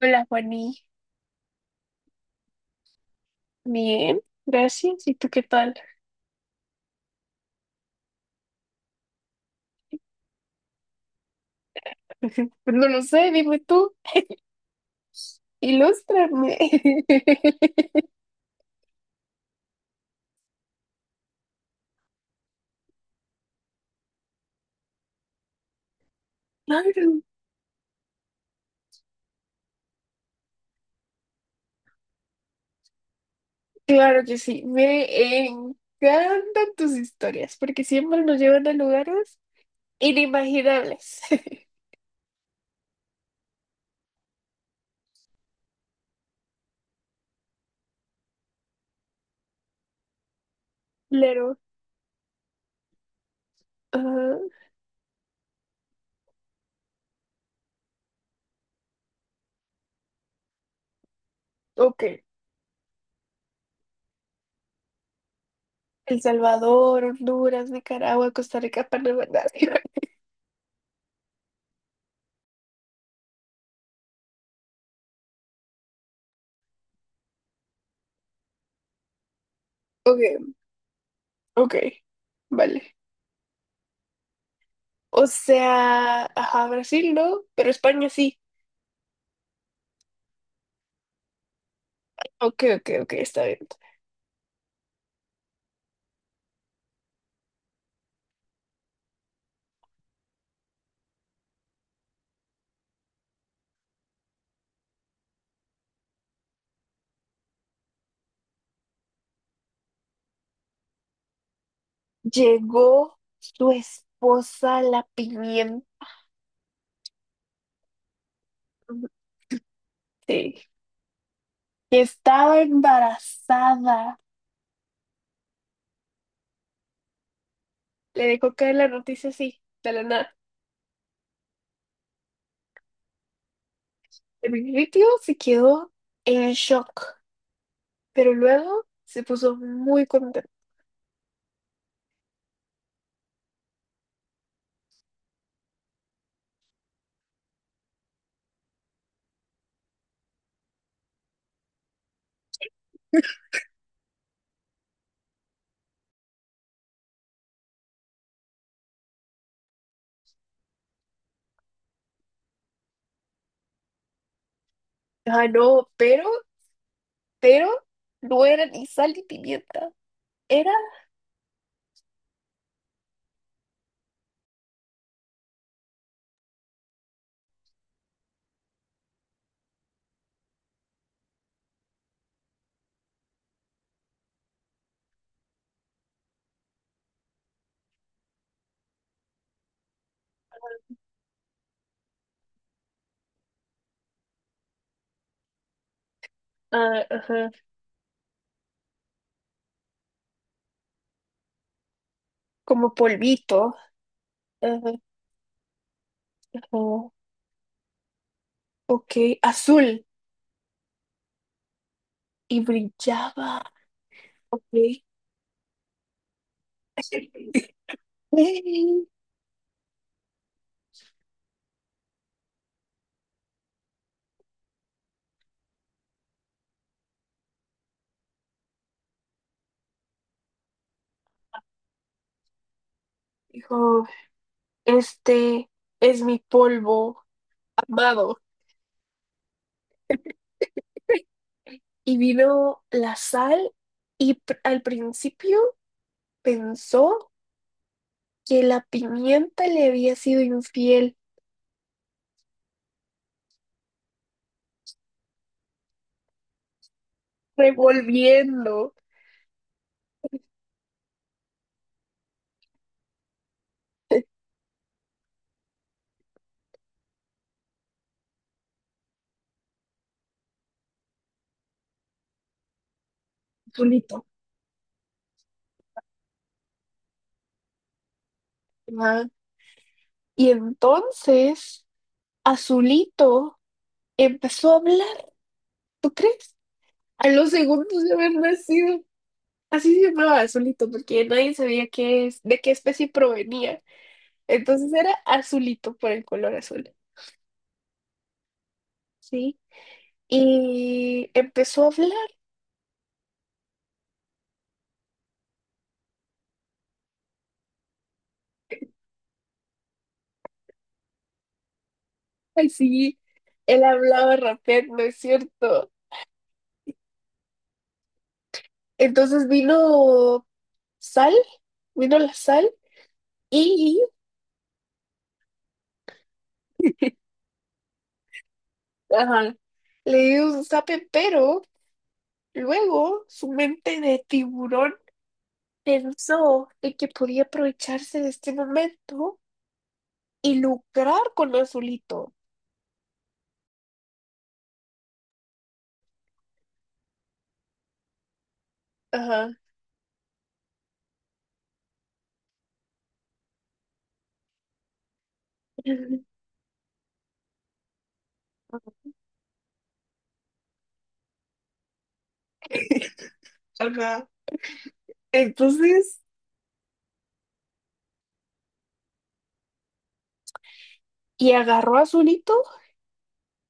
Hola, Juaní. Bien, gracias. ¿Y tú qué tal? Pues no lo sé, dime tú, ilústrame. Claro, claro que sí. Me encantan tus historias porque siempre nos llevan a lugares inimaginables. Claro. Ajá. Ok. El Salvador, Honduras, Nicaragua, Costa Rica, Panamá. Ok, ok. Vale. O sea, ajá, Brasil no, pero España sí. Ok, ok, ok, está bien. Llegó su esposa, la pimienta, que estaba embarazada. Le dejó caer la noticia así, de la nada. El principio se quedó en shock, pero luego se puso muy contento. Ah, no, pero no era ni sal ni pimienta. Era, ah, ajá, como polvito, ajá, ajá, ok, azul y brillaba, ok. Ey, dijo, este es mi polvo amado. Y vino la sal y al principio pensó que la pimienta le había sido infiel, revolviendo. Azulito. Ajá. Y entonces Azulito empezó a hablar, ¿tú crees? A los segundos de haber nacido. Así se llamaba Azulito, porque nadie sabía qué es, de qué especie provenía. Entonces era Azulito por el color azul, ¿sí? Y empezó a hablar, así. Él hablaba rapeando, es cierto. Entonces vino sal, vino la sal y ajá, le dio un zape, pero luego su mente de tiburón pensó en que podía aprovecharse de este momento y lucrar con Azulito. Ajá. Ajá. Entonces, y agarró a Azulito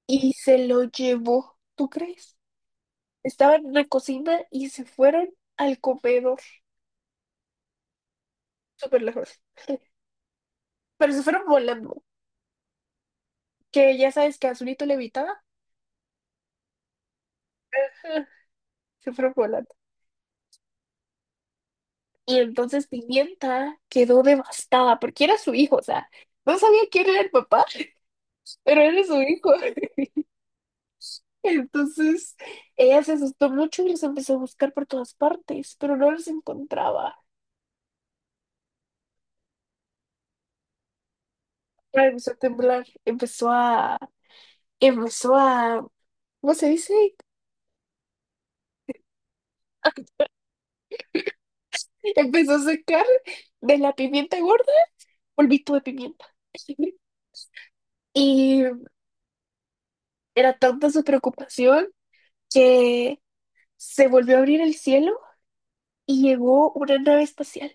y se lo llevó. ¿Tú crees? Estaban en la cocina y se fueron al comedor súper lejos. Pero se fueron volando. Que ya sabes que Azulito levitaba. Se fue volando. Y entonces Pimienta quedó devastada porque era su hijo, o sea, no sabía quién era el papá, pero era su hijo. Entonces ella se asustó mucho y los empezó a buscar por todas partes, pero no los encontraba. Ah, empezó a temblar, empezó a, ¿cómo se dice? Empezó a sacar de la pimienta gorda polvito de pimienta. Y era tanta su preocupación que se volvió a abrir el cielo y llegó una nave espacial,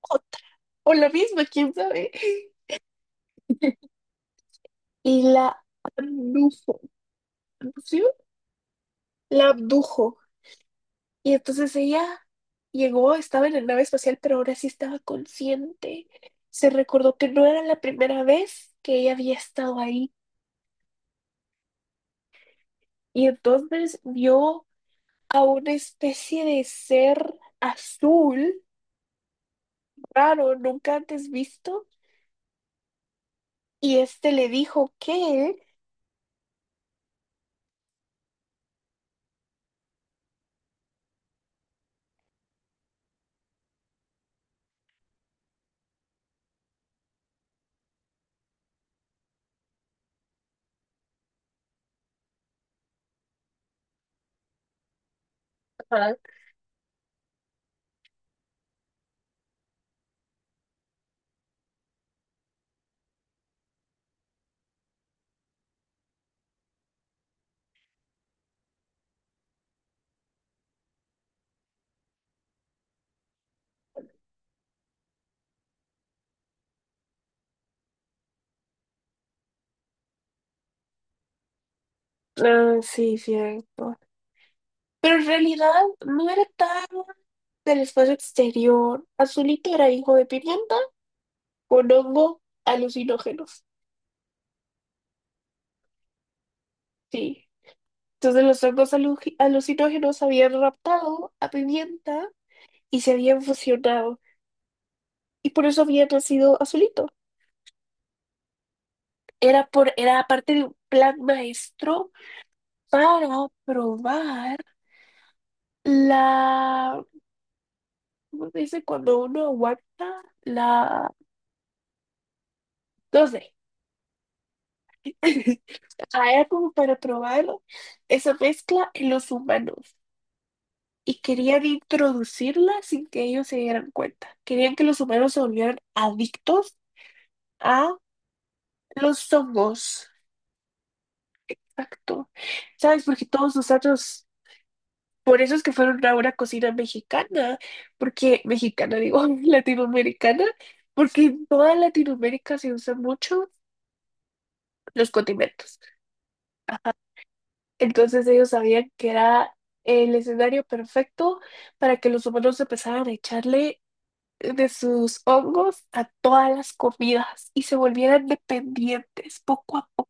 otra, o la misma, quién sabe, y la abdujo, ¿abdució? La abdujo. Y entonces ella llegó, estaba en la nave espacial, pero ahora sí estaba consciente. Se recordó que no era la primera vez que ella había estado ahí. Y entonces vio a una especie de ser azul, raro, nunca antes visto. Y este le dijo que... Ah, sí, cierto. Pero en realidad no era tan del espacio exterior. Azulito era hijo de pimienta con hongo alucinógenos. Sí. Entonces los hongos alucinógenos habían raptado a pimienta y se habían fusionado. Y por eso había nacido Azulito. Era por, era parte de un plan maestro para probar la, ¿cómo se dice? Cuando uno aguanta la, no sé. Hay como para probar esa mezcla en los humanos y querían introducirla sin que ellos se dieran cuenta. Querían que los humanos se volvieran adictos a los hongos. Exacto. ¿Sabes? Porque todos nosotros, por eso es que fueron a una cocina mexicana, porque mexicana digo, latinoamericana, porque en toda Latinoamérica se usan mucho los condimentos. Entonces ellos sabían que era el escenario perfecto para que los humanos empezaran a echarle de sus hongos a todas las comidas y se volvieran dependientes poco a poco.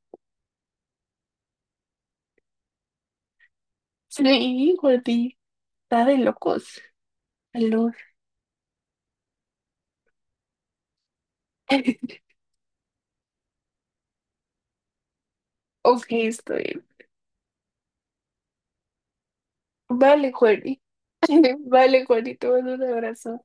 Sí, Jordi, está de locos. Aló. Ok, estoy bien. Vale, Jordi. Vale, Jordi, te mando un abrazo.